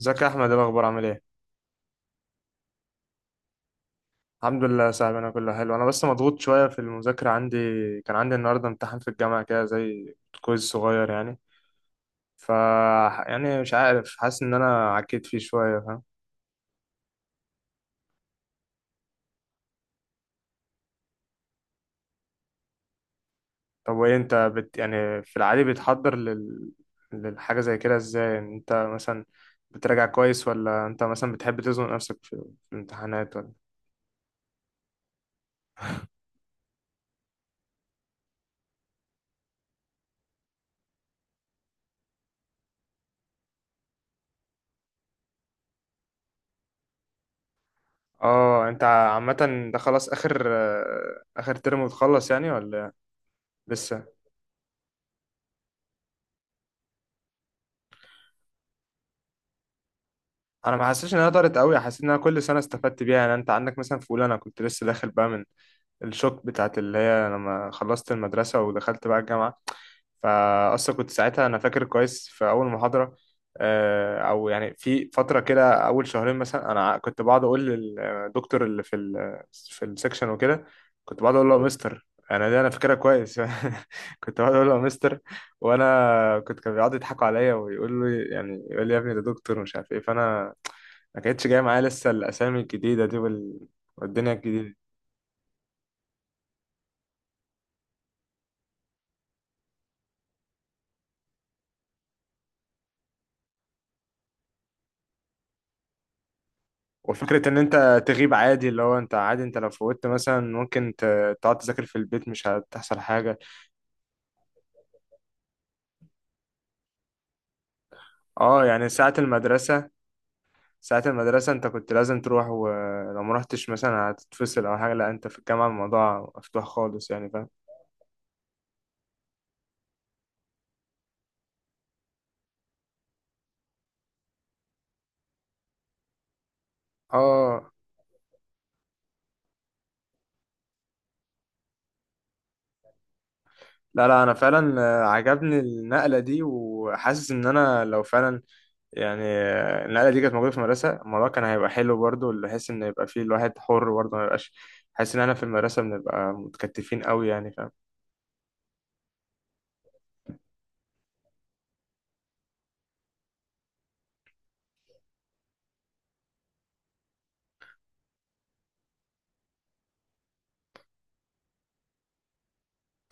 ازيك يا احمد؟ ايه الاخبار، عامل ايه؟ الحمد لله يا صاحبي، انا كله حلو. انا بس مضغوط شويه في المذاكره. عندي كان عندي النهارده امتحان في الجامعه، كده زي كويز صغير يعني. ف يعني مش عارف، حاسس ان انا عكيت فيه شويه، فاهم؟ طب وايه انت يعني في العادي بتحضر للحاجه زي كده ازاي؟ يعني انت مثلا بتراجع كويس، ولا انت مثلا بتحب تزنق نفسك في في الامتحانات، ولا؟ اه، انت عامه ده خلاص اخر ترم وتخلص يعني ولا؟ لسه. انا ما حسيتش ان هي ضرت قوي، حسيت ان انا كل سنه استفدت بيها. يعني انت عندك مثلا في اولى، انا كنت لسه داخل بقى من الشوك بتاعت اللي هي لما خلصت المدرسة ودخلت بقى الجامعة. فأصلا كنت ساعتها أنا فاكر كويس في أول محاضرة، أو يعني في فترة كده أول شهرين مثلا، أنا كنت بقعد أقول للدكتور اللي في في السكشن وكده، كنت بقعد أقول له يا مستر، أنا دي أنا فاكرها كويس. كنت بقعد أقول له يا مستر، وأنا كنت كانوا بيقعدوا يضحكوا عليا ويقول لي، يعني يقول لي يا ابني، ده دكتور ومش عارف إيه. فأنا ما كانتش جايه معايا لسه الاسامي الجديده دي والدنيا الجديده. وفكرة إن أنت تغيب عادي، اللي هو أنت عادي أنت لو فوتت مثلا ممكن تقعد تذاكر في البيت، مش هتحصل حاجة. أه. يعني ساعة المدرسة، ساعة المدرسة أنت كنت لازم تروح، ولو مرحتش مثلا هتتفصل أو حاجة. لأ، أنت في الجامعة الموضوع مفتوح خالص يعني، فاهم؟ أه. لا لا، أنا فعلا عجبني النقلة دي، وحاسس إن أنا لو فعلا يعني النقلة دي كانت موجودة في المدرسة، الموضوع كان هيبقى حلو برضه، اللي حس إن يبقى فيه الواحد حر برضه، ما يبقاش حاسس إن أنا في المدرسة بنبقى متكتفين أوي يعني، فاهم؟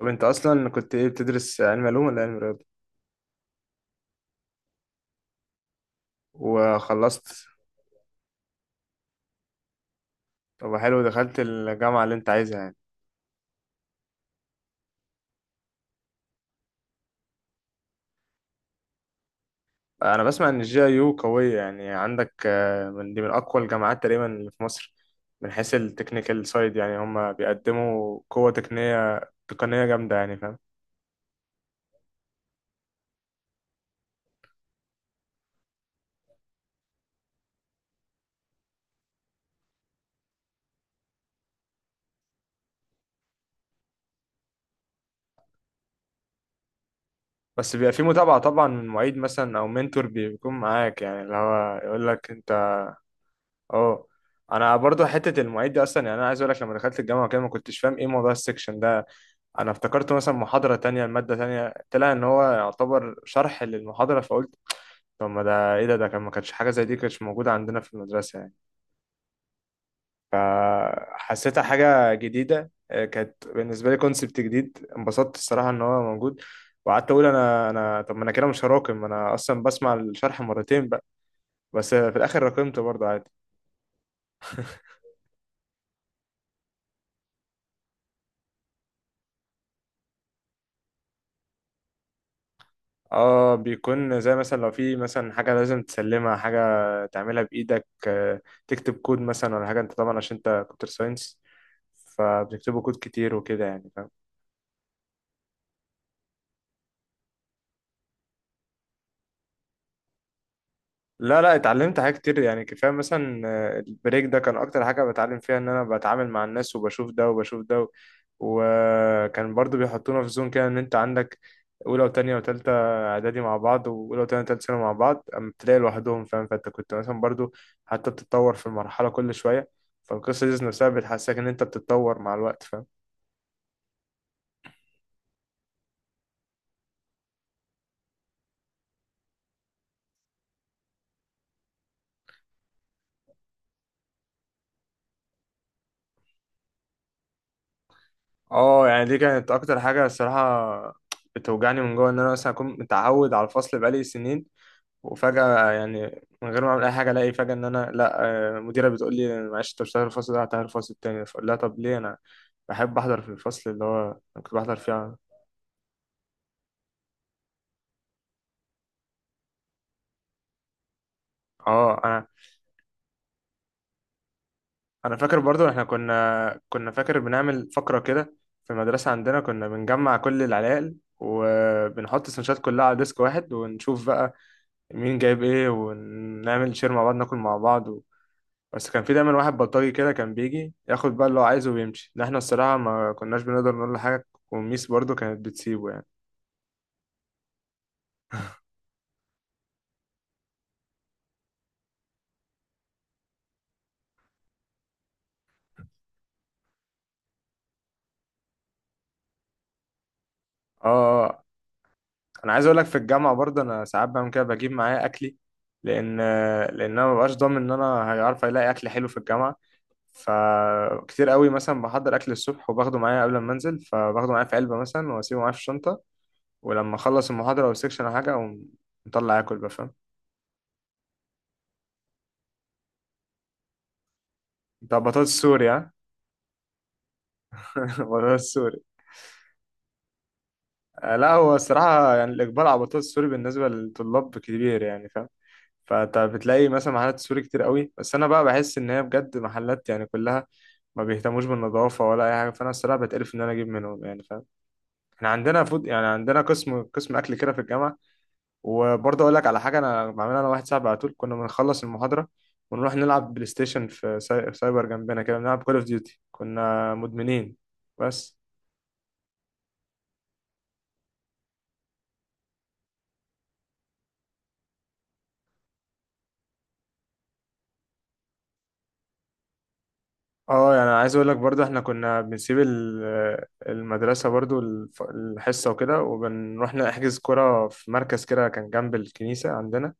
طب انت اصلا كنت ايه، بتدرس علم علوم ولا علم رياضه؟ وخلصت؟ طب حلو، دخلت الجامعه اللي انت عايزها يعني. انا بسمع ان الجي اي يو قويه، يعني عندك من دي من اقوى الجامعات تقريبا اللي في مصر، من حيث التكنيكال سايد، يعني هم بيقدموا قوه تقنيه، تقنيه جامده يعني، فاهم؟ بس بيبقى في متابعه طبعا من معيد مثلا او منتور بيكون معاك، يعني اللي هو يقول لك انت. اه. انا برضو حته المعيد دي اصلا، يعني انا عايز اقول لك لما دخلت الجامعه كده ما كنتش فاهم ايه موضوع السكشن ده. انا افتكرت مثلا محاضره تانية، الماده تانية، طلع ان هو يعتبر شرح للمحاضره. فقلت طب ما ده ايه، ده كان ما كانش حاجه زي دي كانتش موجوده عندنا في المدرسه يعني. حسيتها حاجه جديده، كانت بالنسبه لي كونسبت جديد. انبسطت الصراحه ان هو موجود، وقعدت اقول انا، طب ما انا كده مش هراكم، انا اصلا بسمع الشرح مرتين بقى. بس في الاخر راكمته برضه عادي. اه، بيكون زي مثلا لو في مثلا حاجة لازم تسلمها، حاجة تعملها بإيدك، تكتب كود مثلا ولا حاجة. انت طبعا عشان انت كمبيوتر ساينس، فبتكتبوا كود كتير وكده يعني، فاهم؟ لا لا، اتعلمت حاجات كتير يعني. كفايه مثلا البريك ده كان اكتر حاجه بتعلم فيها ان انا بتعامل مع الناس، وبشوف ده وبشوف ده وكان برضو بيحطونا في زون كده، ان انت عندك اولى وتانية وتالتة اعدادي مع بعض، واولى وتانية وتالتة ثانوي مع بعض، اما بتلاقي لوحدهم، فاهم؟ فانت كنت مثلا برضو حتى بتتطور في المرحله كل شويه، فالقصه دي نفسها بتحسسك ان انت بتتطور مع الوقت، فاهم؟ اه، يعني دي كانت اكتر حاجه الصراحه بتوجعني من جوه، ان انا مثلا اكون متعود على الفصل بقالي سنين، وفجأة يعني من غير ما أعمل أي حاجة ألاقي فجأة إن أنا لأ، مديرة بتقول لي معلش أنت مش هتحضر الفصل ده، هتحضر الفصل التاني. فأقول لها طب ليه؟ أنا بحب أحضر في الفصل اللي هو أنا كنت بحضر فيه على... أه. أنا أنا فاكر برضو إحنا كنا فاكر بنعمل فقرة كده في المدرسة عندنا. كنا بنجمع كل العلائق، وبنحط السندوتشات كلها على ديسك واحد، ونشوف بقى مين جايب إيه، ونعمل شير مع بعض، ناكل مع بعض. بس كان في دايما واحد بلطجي كده، كان بيجي ياخد بقى اللي هو عايزه ويمشي، ده احنا الصراحة ما كناش بنقدر نقول له حاجة، والميس برضو كانت بتسيبه يعني. اه. آه. آه. انا عايز اقول لك في الجامعة برضو انا ساعات بعمل كده، بجيب معايا اكلي، لان لان انا مبقاش ضامن ان انا هيعرف الاقي اكل حلو في الجامعة. فكتير قوي مثلا بحضر اكل الصبح وباخده معايا قبل ما انزل، فباخده معايا في علبة مثلا واسيبه معايا في الشنطة. ولما اخلص المحاضرة او السكشن او حاجة، اقوم مطلع اكل بقى، فاهم؟ انت بطاطس سوري، ها؟ بطاطس. لا هو الصراحة يعني الإقبال على البطاطس السوري بالنسبة للطلاب كبير يعني، فاهم؟ فأنت بتلاقي مثلا محلات سوري كتير قوي، بس أنا بقى بحس إن هي بجد محلات يعني كلها ما بيهتموش بالنظافة ولا أي حاجة، فأنا الصراحة بتقرف إن أنا أجيب منهم يعني، فاهم؟ إحنا عندنا فود، يعني عندنا قسم، قسم أكل كده في الجامعة. وبرضه أقول لك على حاجة أنا بعملها، أنا واحد صاحبي على طول كنا بنخلص المحاضرة ونروح نلعب بلاي ستيشن في سايبر جنبنا كده، بنلعب كول أوف ديوتي، كنا مدمنين بس. اه، يعني عايز اقول لك برضو احنا كنا بنسيب المدرسة برضو الحصة وكده، وبنروح نحجز كرة في مركز كده كان جنب الكنيسة عندنا،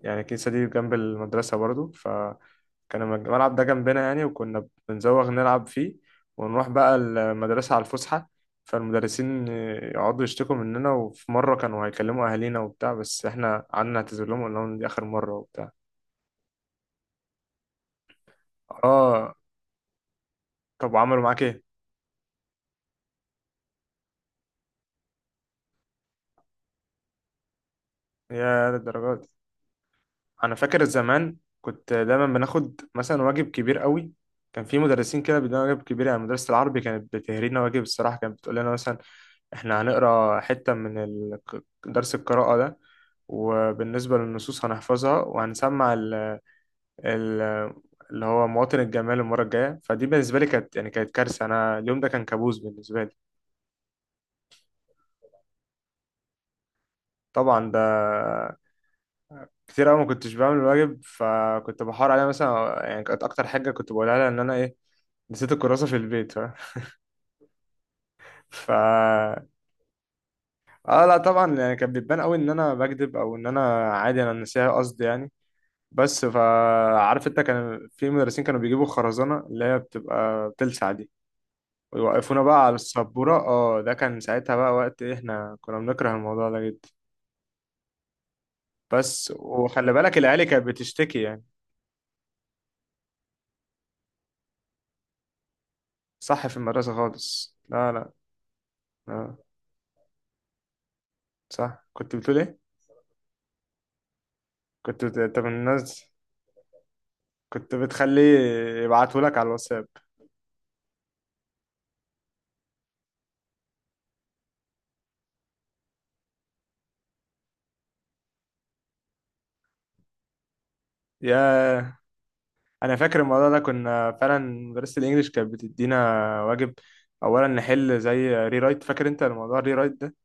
يعني الكنيسة دي جنب المدرسة برضو، فكان الملعب ده جنبنا يعني، وكنا بنزوغ نلعب فيه، ونروح بقى المدرسة على الفسحة. فالمدرسين يقعدوا يشتكوا مننا، وفي مرة كانوا هيكلموا أهالينا وبتاع، بس احنا قعدنا نعتذر لهم وقلنا لهم دي آخر مرة وبتاع. اه. طب وعملوا معاك ايه؟ يا للدرجة! انا فاكر زمان كنت دايما بناخد مثلا واجب كبير قوي، كان في مدرسين كده بيدونا واجب كبير يعني. مدرسة العربي كانت بتهرينا واجب الصراحة، كانت بتقول لنا مثلا احنا هنقرا حتة من درس القراءة ده، وبالنسبة للنصوص هنحفظها، وهنسمع ال ال اللي هو مواطن الجمال المرة الجاية. فدي بالنسبة لي كانت يعني كانت كارثة، أنا اليوم ده كان كابوس بالنسبة لي. طبعا ده كتير أوي ما كنتش بعمل الواجب، فكنت بحاول عليها مثلا يعني، كانت أكتر حاجة كنت بقولها لها إن أنا إيه، نسيت الكراسة في البيت، فاهم؟ ف اه لا طبعا يعني كانت بتبان قوي ان انا بكذب، او ان انا عادي انا نسيها قصدي يعني. بس فعارف انت كان في مدرسين كانوا بيجيبوا خرزانة اللي هي بتبقى بتلسع دي، ويوقفونا بقى على السبورة. اه، ده كان ساعتها بقى وقت إيه، احنا كنا بنكره الموضوع ده جدا. بس وخلي بالك العيال كانت بتشتكي يعني. صح، في المدرسة خالص لا لا. لا. صح، كنت بتقول ايه؟ كنت انت من الناس كنت بتخليه يبعتهولك على الواتساب؟ ياه. انا فاكر الموضوع ده، كنا فعلا مدرسة الانجليش كانت بتدينا واجب، اولا نحل زي ري رايت. فاكر انت الموضوع الري رايت ده؟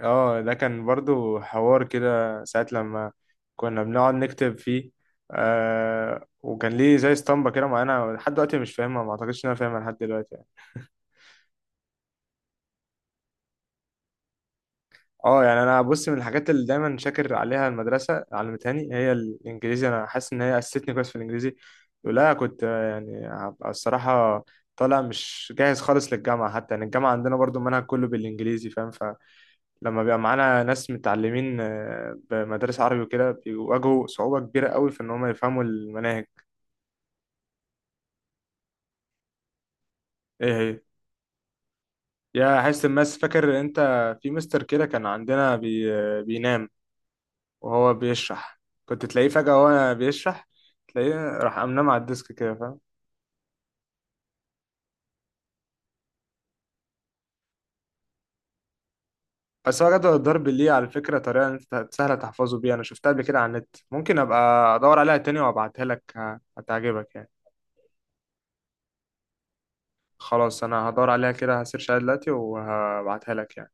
اه، ده كان برضو حوار كده ساعة لما كنا بنقعد نكتب فيه، آه، وكان ليه زي اسطمبة كده معانا لحد دلوقتي مش فاهمها، ما اعتقدش ان انا فاهمها لحد دلوقتي يعني. اه يعني انا بص، من الحاجات اللي دايما شاكر عليها المدرسه علمتهاني هي الانجليزي، انا حاسس ان هي اسستني كويس في الانجليزي. لولا كنت يعني هبقى الصراحه طالع مش جاهز خالص للجامعه حتى، يعني الجامعه عندنا برضو المنهج كله بالانجليزي، فاهم؟ فلما بيبقى معانا ناس متعلمين بمدارس عربي وكده، بيواجهوا صعوبه كبيره قوي في ان هم يفهموا المناهج. ايه هي؟ يا حس الماس. فاكر انت في مستر كده كان عندنا بي... آه، بينام وهو بيشرح، كنت تلاقيه فجأة وهو بيشرح تلاقيه راح قام نام على الديسك كده، فاهم؟ بس هو جدول الضرب ليه على فكرة طريقة إن أنت سهلة تحفظه بيها، أنا شفتها قبل كده على النت، ممكن أبقى أدور عليها تاني وأبعتها لك، هتعجبك يعني. خلاص، أنا هدور عليها كده، هسيرش عليها دلوقتي وهبعتها لك يعني.